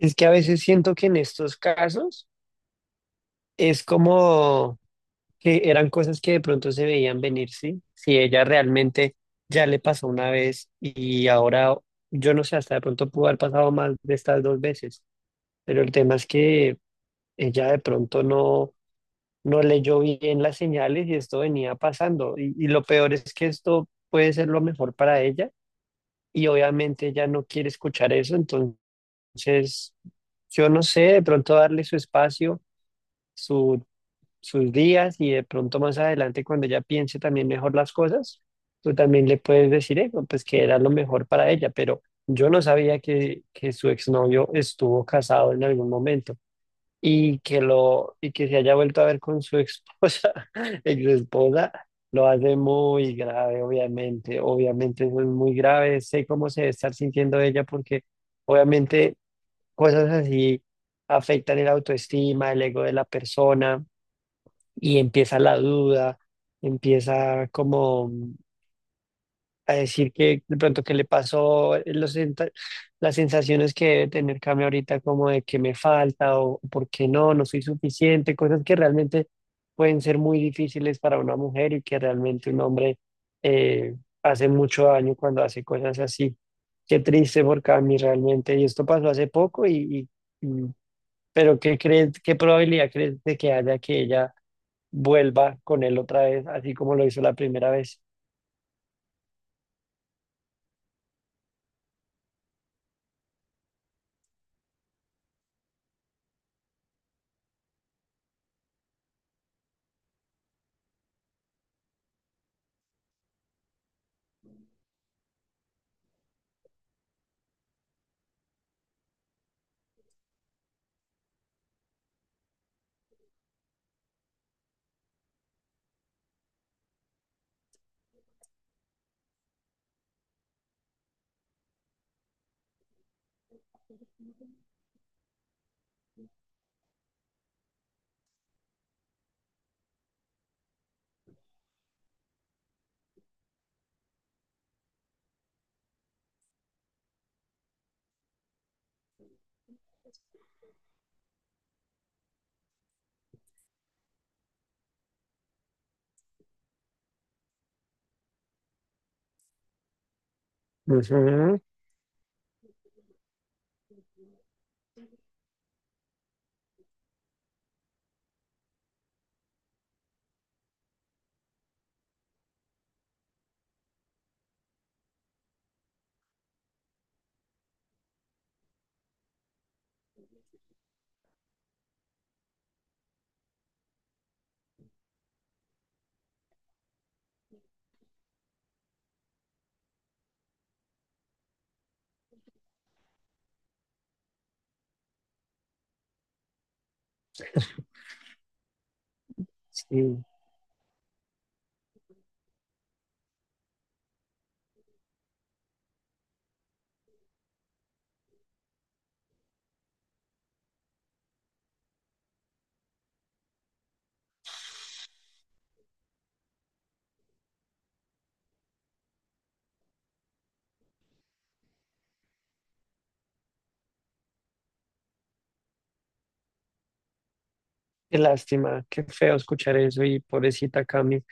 Es que a veces siento que en estos casos es como que eran cosas que de pronto se veían venir, ¿sí? Si ella realmente ya le pasó una vez y ahora, yo no sé, hasta de pronto pudo haber pasado más de estas dos veces, pero el tema es que ella de pronto no, no leyó bien las señales y esto venía pasando. Y lo peor es que esto puede ser lo mejor para ella y obviamente ella no quiere escuchar eso, entonces yo no sé, de pronto darle su espacio su- sus días y de pronto más adelante cuando ella piense también mejor las cosas, tú también le puedes decir eso, pues que era lo mejor para ella, pero yo no sabía que su exnovio estuvo casado en algún momento y que se haya vuelto a ver con su esposa, exesposa, lo hace muy grave, obviamente, obviamente eso es muy grave, sé cómo se debe estar sintiendo ella porque obviamente cosas así afectan el autoestima, el ego de la persona y empieza la duda, empieza como a decir que de pronto que le pasó, las sensaciones que debe tener Cami ahorita como de que me falta o por qué no soy suficiente, cosas que realmente pueden ser muy difíciles para una mujer y que realmente un hombre eh, hace mucho daño cuando hace cosas así. Qué triste por Cami realmente. Y esto pasó hace poco y- y- pero ¿qué crees, qué probabilidad crees de que haya que ella vuelva con él otra vez, así como lo hizo la primera vez? Ujú. Sí, qué lástima, qué feo escuchar eso y pobrecita Cami.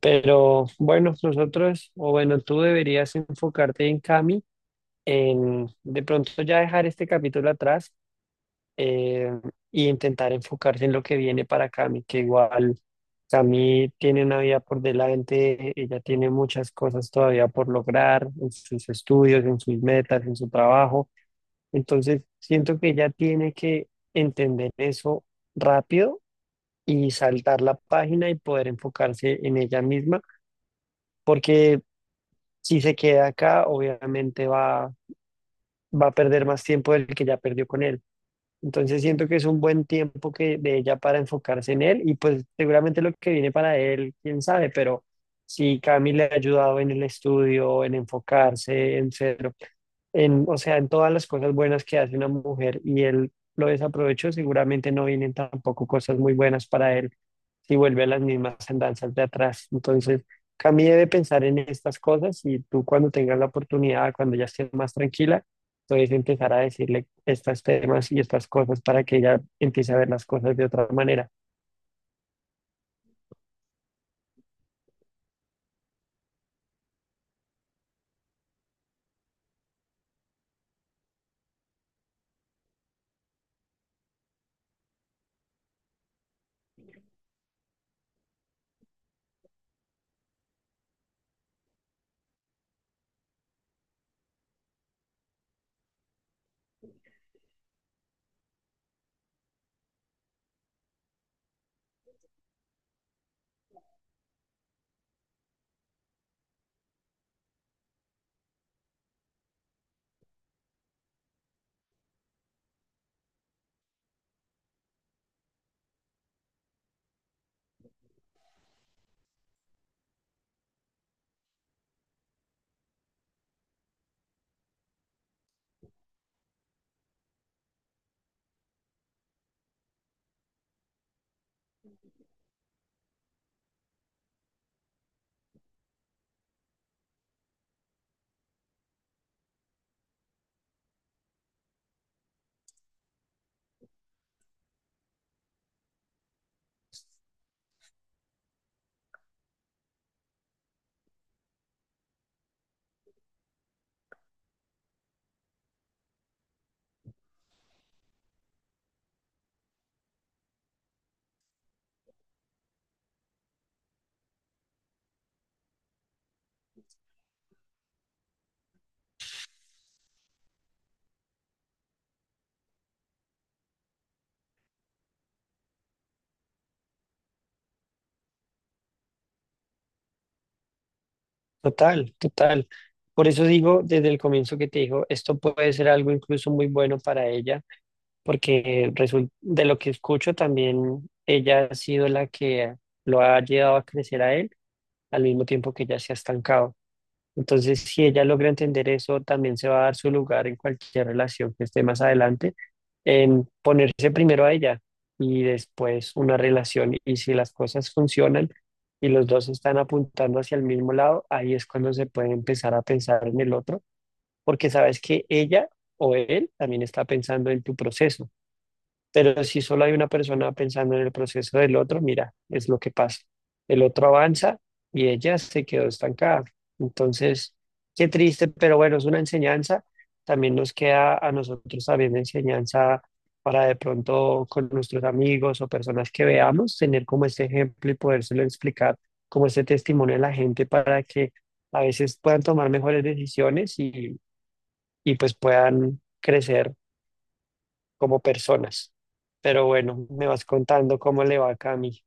Pero bueno, nosotros, o bueno, tú deberías enfocarte en Cami, en de pronto ya dejar este capítulo atrás, eh, y intentar enfocarse en lo que viene para Cami, que igual Cami tiene una vida por delante, ella tiene muchas cosas todavía por lograr en sus estudios, en sus metas, en su trabajo. Entonces, siento que ella tiene que entender eso rápido y saltar la página y poder enfocarse en ella misma, porque si se queda acá, obviamente va a perder más tiempo del que ya perdió con él. Entonces siento que es un buen tiempo que de ella para enfocarse en él y pues seguramente lo que viene para él, quién sabe, pero si Cami le ha ayudado en el estudio, en enfocarse, en ser, en, o sea, en todas las cosas buenas que hace una mujer y él lo desaprovechó, seguramente no vienen tampoco cosas muy buenas para él si vuelve a las mismas andanzas de atrás. Entonces, Cami debe pensar en estas cosas y tú cuando tengas la oportunidad, cuando ya estés más tranquila entonces empezar a decirle estos temas y estas cosas para que ella empiece a ver las cosas de otra manera. Total, total. Por eso digo desde el comienzo que te digo, esto puede ser algo incluso muy bueno para ella, porque de lo que escucho también ella ha sido la que lo ha llevado a crecer a él al mismo tiempo que ella se ha estancado. Entonces, si ella logra entender eso, también se va a dar su lugar en cualquier relación que esté más adelante, en ponerse primero a ella y después una relación. Y si las cosas funcionan y los dos están apuntando hacia el mismo lado, ahí es cuando se puede empezar a pensar en el otro, porque sabes que ella o él también está pensando en tu proceso. Pero si solo hay una persona pensando en el proceso del otro, mira, es lo que pasa. El otro avanza y ella se quedó estancada. Entonces, qué triste, pero bueno, es una enseñanza. También nos queda a nosotros también enseñanza para de pronto con nuestros amigos o personas que veamos, tener como este ejemplo y podérselo explicar como este testimonio a la gente para que a veces puedan tomar mejores decisiones y pues puedan crecer como personas. Pero bueno, me vas contando cómo le va a Cami.